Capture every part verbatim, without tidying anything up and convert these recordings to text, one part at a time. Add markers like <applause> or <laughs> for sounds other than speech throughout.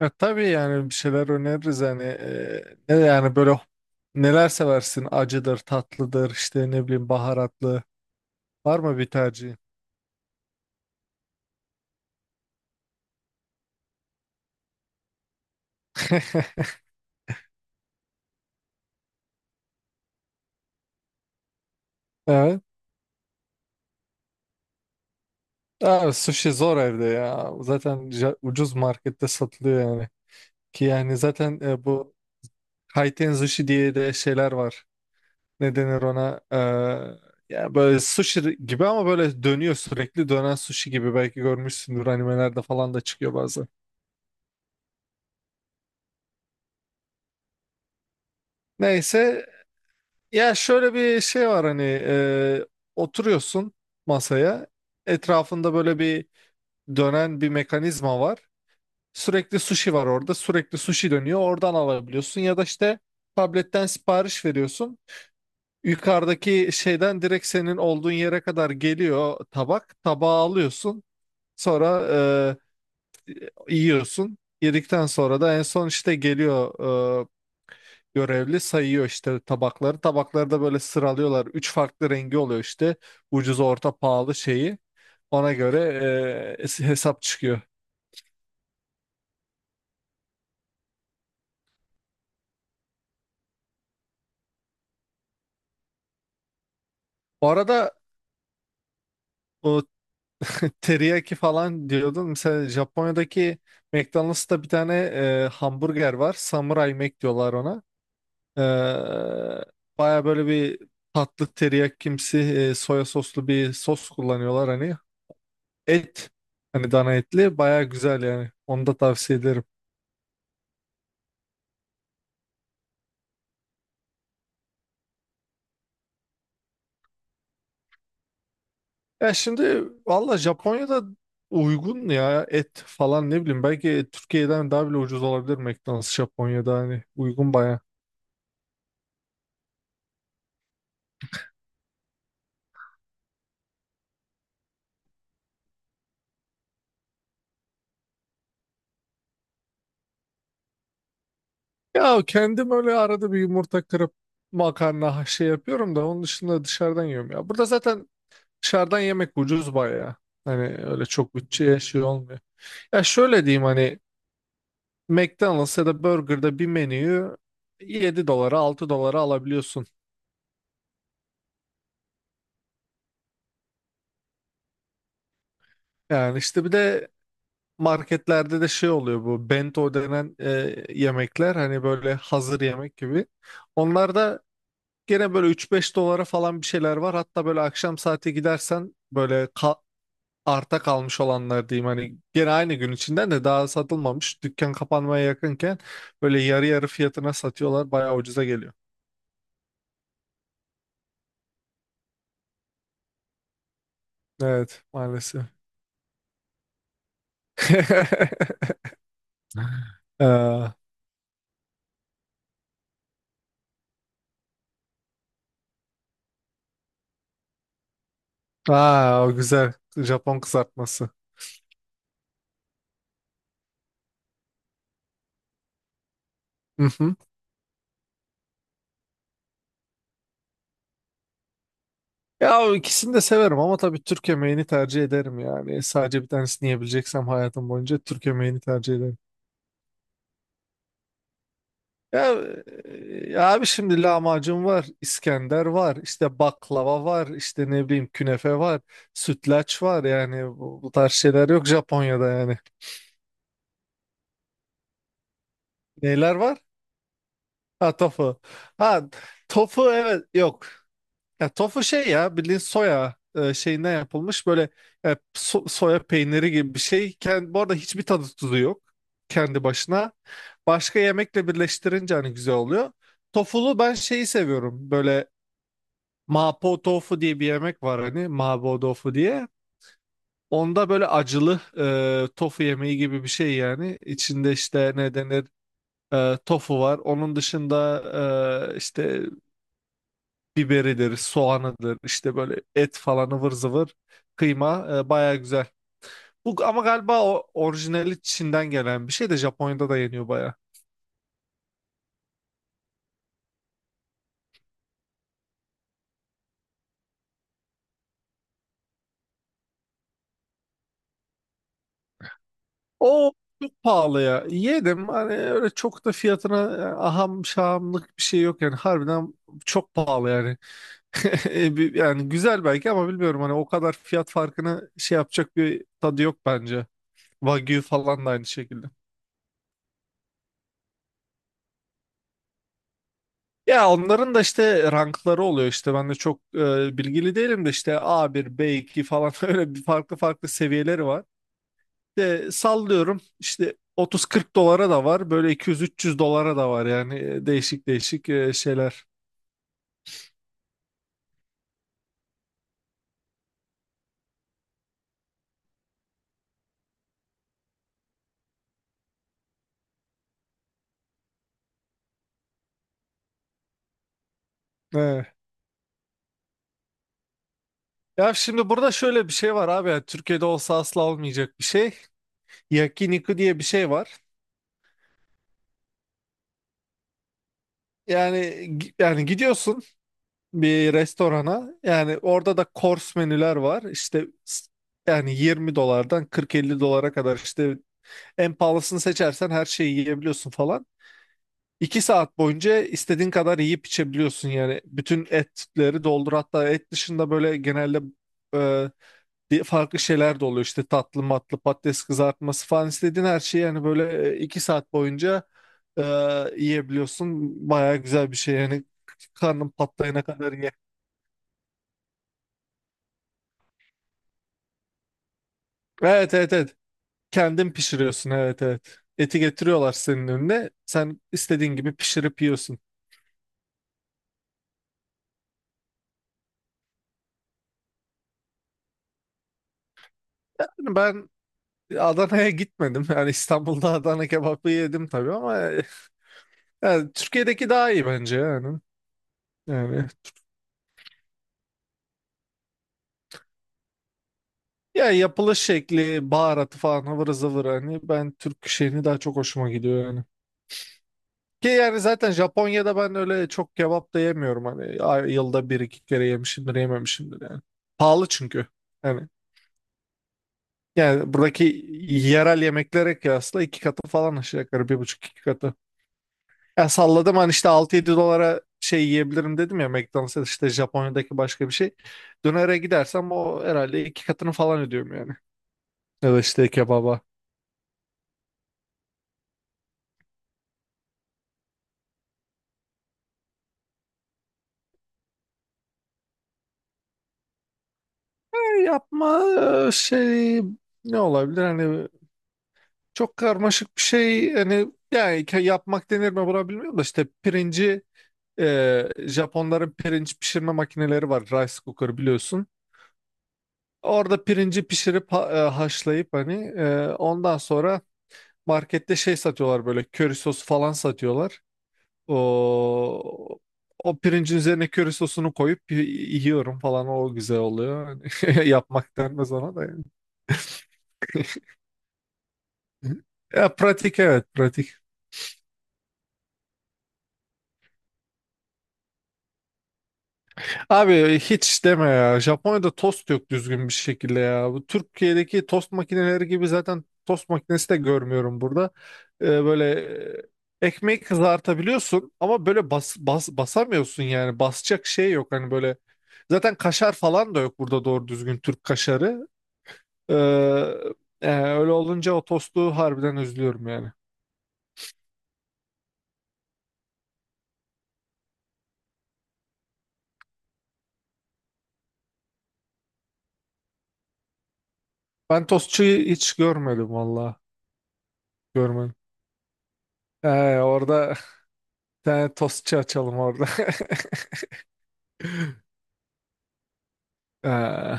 Ya tabii yani bir şeyler öneririz hani, e, ne yani böyle, neler seversin, acıdır, tatlıdır işte ne bileyim, baharatlı, var mı bir tercihin? <laughs> Evet. Abi sushi zor evde ya, zaten ja- ucuz markette satılıyor yani. Ki yani zaten e, bu kaiten sushi diye de şeyler var. Ne denir ona? E, ya böyle sushi gibi ama böyle dönüyor, sürekli dönen sushi gibi. Belki görmüşsündür, animelerde falan da çıkıyor bazen. Neyse. Ya şöyle bir şey var hani, e, oturuyorsun masaya, etrafında böyle bir dönen bir mekanizma var. Sürekli sushi var orada, sürekli sushi dönüyor oradan alabiliyorsun ya da işte tabletten sipariş veriyorsun. Yukarıdaki şeyden direkt senin olduğun yere kadar geliyor, tabak tabağı alıyorsun, sonra e, yiyorsun. Yedikten sonra da en son işte geliyor, e, görevli sayıyor işte tabakları. Tabakları da böyle sıralıyorlar. Üç farklı rengi oluyor işte. Ucuz, orta, pahalı şeyi. Ona göre e, hesap çıkıyor. Bu arada o teriyaki falan diyordun. Mesela Japonya'daki McDonald's'ta bir tane e, hamburger var. Samurai Mac diyorlar ona. E, baya böyle bir tatlı teriyakimsi, e, soya soslu bir sos kullanıyorlar hani. Et hani, dana etli, baya güzel yani. Onu da tavsiye ederim. Ya şimdi valla Japonya'da uygun ya et falan, ne bileyim, belki Türkiye'den daha bile ucuz olabilir McDonald's Japonya'da, hani uygun baya. Ya kendim öyle arada bir yumurta kırıp makarna ha- şey yapıyorum da, onun dışında dışarıdan yiyorum ya. Burada zaten dışarıdan yemek ucuz baya. Hani öyle çok bütçeye şey olmuyor. Ya şöyle diyeyim hani, McDonald's ya da Burger'da bir menüyü yedi dolara, altı dolara alabiliyorsun. Yani işte bir de marketlerde de şey oluyor, bu bento denen e, yemekler, hani böyle hazır yemek gibi. Onlarda gene böyle üç beş dolara falan bir şeyler var. Hatta böyle akşam saati gidersen böyle ka- arta kalmış olanlar diyeyim hani, gene aynı gün içinden de daha satılmamış. Dükkan kapanmaya yakınken böyle yarı yarı fiyatına satıyorlar. Bayağı ucuza geliyor. Evet, maalesef. <laughs> Ee, Aa, o güzel Japon kızartması. <laughs> Ya ikisini de severim ama tabii Türk yemeğini tercih ederim yani. Sadece bir tanesini yiyebileceksem hayatım boyunca Türk yemeğini tercih ederim. Ya, e, ya abi şimdi lahmacun var, İskender var, işte baklava var, işte ne bileyim künefe var, sütlaç var, yani bu, bu tarz şeyler yok Japonya'da yani. Neler var? Ha, tofu. Ha, tofu, evet, yok. Ya tofu şey, ya bildiğin soya, e, şeyinden yapılmış böyle e, so- soya peyniri gibi bir şey. Kend, bu arada hiçbir tadı tuzu yok kendi başına. Başka yemekle birleştirince hani güzel oluyor. Tofulu ben şeyi seviyorum, böyle mapo tofu diye bir yemek var hani, mapo tofu diye. Onda böyle acılı e, tofu yemeği gibi bir şey yani. İçinde işte ne denir, e, tofu var. Onun dışında e, işte biberidir, soğanıdır, işte böyle et falan ıvır zıvır, kıyma, e, baya güzel. Bu ama galiba o orijinali Çin'den gelen bir şey de, Japonya'da da yeniyor baya. O çok pahalı ya. Yedim hani öyle, çok da fiyatına e, aham şahamlık bir şey yok yani, harbiden çok pahalı yani. <laughs> Bir- Yani güzel belki ama bilmiyorum hani, o kadar fiyat farkını şey yapacak bir tadı yok bence. Wagyu falan da aynı şekilde. Ya onların da işte rankları oluyor işte, ben de çok e, bilgili değilim de işte a bir b iki falan, <laughs> öyle bir farklı farklı seviyeleri var. De sallıyorum işte, otuz kırk dolara da var, böyle iki yüz üç yüz dolara da var yani, e, değişik değişik e, şeyler. He. Ya şimdi burada şöyle bir şey var abi, yani Türkiye'de olsa asla olmayacak bir şey. Yakiniku diye bir şey var. Yani gi- yani gidiyorsun bir restorana, yani orada da kors menüler var işte, s- yani yirmi dolardan kırk elli dolara kadar, işte en pahalısını seçersen her şeyi yiyebiliyorsun falan. iki saat boyunca istediğin kadar yiyip içebiliyorsun yani, bütün etleri doldur, hatta et dışında böyle genelde e, di- farklı şeyler de oluyor işte, tatlı matlı, patates kızartması falan, istediğin her şeyi, yani böyle e, iki saat boyunca e, yiyebiliyorsun, baya güzel bir şey yani, karnın patlayana kadar. Evet, evet, evet. Kendin pişiriyorsun, evet, evet. Eti getiriyorlar senin önüne. Sen istediğin gibi pişirip yiyorsun. Yani ben Adana'ya gitmedim. Yani İstanbul'da <laughs> Adana kebabı yedim tabii ama <laughs> yani Türkiye'deki daha iyi bence yani. Yani ya, yapılış şekli, baharatı falan ıvır zıvır, hani ben Türk şeyini daha çok hoşuma gidiyor yani. Ki yani zaten Japonya'da ben öyle çok kebap da yemiyorum hani, ay- yılda bir iki kere yemişimdir, yememişimdir yani. Pahalı çünkü. Yani Yani buradaki yerel yemeklere kıyasla iki katı falan, aşağı yukarı bir buçuk iki katı. Ya salladım hani, işte altı yedi dolara şey yiyebilirim dedim ya McDonald's'ta, işte Japonya'daki başka bir şey. Dönere gidersem o herhalde iki katını falan ödüyorum yani. Ya da işte kebaba. E, Yapma e, şey, ne olabilir hani, çok karmaşık bir şey hani, yani ke- yapmak denir mi buna, bilmiyorum da işte pirinci... Ee, Japonların pirinç pişirme makineleri var, rice cooker biliyorsun. Orada pirinci pişirip ha- e, haşlayıp hani, e, ondan sonra markette şey satıyorlar, böyle köri sosu falan satıyorlar. O o pirincin üzerine köri sosunu koyup y- yiyorum falan, o güzel oluyor. <laughs> Yapmak denmez ona da yani. <laughs> Ya pratik, evet pratik. Abi hiç deme ya. Japonya'da tost yok düzgün bir şekilde ya. Bu Türkiye'deki tost makineleri gibi, zaten tost makinesi de görmüyorum burada. Ee, böyle e, ekmeği kızartabiliyorsun ama böyle bas, bas, basamıyorsun yani. Basacak şey yok hani böyle. Zaten kaşar falan da yok burada, doğru düzgün Türk kaşarı. Ee, e, öyle olunca o tostu harbiden üzülüyorum yani. Ben tostçuyu hiç görmedim valla. Görmedim. Ee, orada <laughs> bir tane tostçu açalım orada. <laughs> Ee,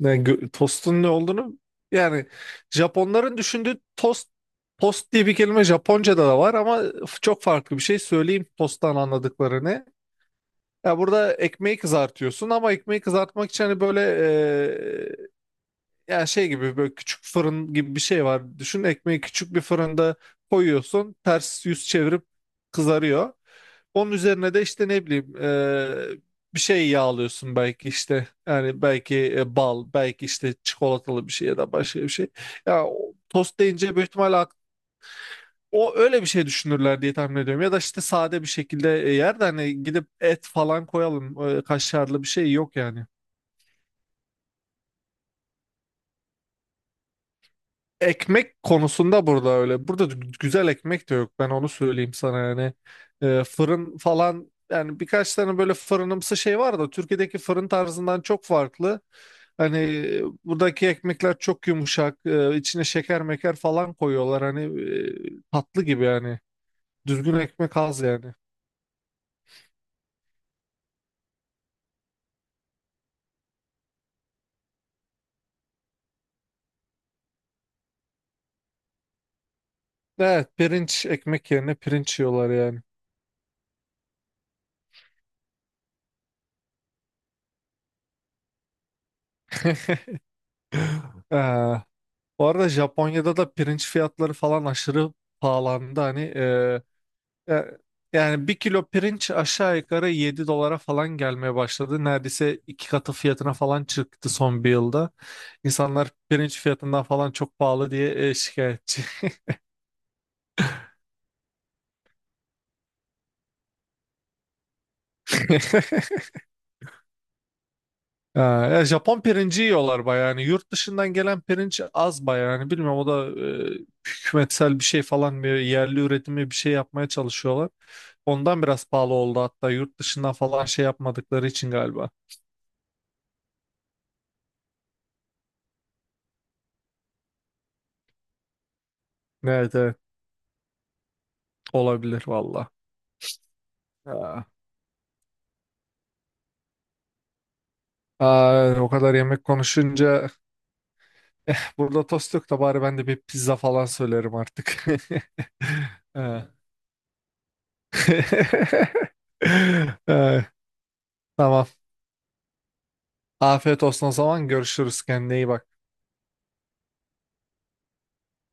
ne, gö- tostun ne olduğunu, yani Japonların düşündüğü tost, tost diye bir kelime Japonca'da da var ama, çok farklı bir şey söyleyeyim tosttan anladıklarını. Ya burada ekmeği kızartıyorsun ama ekmeği kızartmak için hani böyle, ya şey gibi, böyle küçük fırın gibi bir şey var. Düşün, ekmeği küçük bir fırında koyuyorsun. Ters yüz çevirip kızarıyor. Onun üzerine de işte ne bileyim, eee, bir şey yağlıyorsun belki işte. Yani belki e, bal, belki işte çikolatalı bir şey ya da başka bir şey. Ya o tost deyince büyük ihtimalle, ak- o öyle bir şey düşünürler diye tahmin ediyorum. Ya da işte sade bir şekilde, e, yer de hani gidip et falan koyalım. e, kaşarlı bir şey yok yani. Ekmek konusunda burada öyle. Burada d- güzel ekmek de yok. Ben onu söyleyeyim sana yani. Ee, fırın falan yani, birkaç tane böyle fırınımsı şey var da Türkiye'deki fırın tarzından çok farklı. Hani e, buradaki ekmekler çok yumuşak. E, içine şeker meker falan koyuyorlar. Hani e, tatlı gibi yani. Düzgün ekmek az yani. Evet, pirinç ekmek yerine pirinç yiyorlar yani. <laughs> Ee, bu arada Japonya'da da pirinç fiyatları falan aşırı pahalandı. Hani e, Ya- Yani bir kilo pirinç aşağı yukarı yedi dolara falan gelmeye başladı. Neredeyse iki katı fiyatına falan çıktı son bir yılda. İnsanlar pirinç fiyatından falan çok pahalı diye e, şikayetçi. <laughs> Ha, ya Japon pirinci yiyorlar bayağı. Yani yurt dışından gelen pirinç az bayağı. Yani bilmiyorum, o da e, hükümetsel bir şey falan, bir yerli üretimi bir şey yapmaya çalışıyorlar. Ondan biraz pahalı oldu, hatta yurt dışından falan şey yapmadıkları için galiba. Evet, evet, olabilir valla. Aa, o kadar yemek konuşunca, burada tost yok da bari ben de bir pizza falan söylerim artık. <laughs> Ha. <laughs> Ha, tamam. Afiyet olsun o zaman. Görüşürüz. Kendine iyi bak.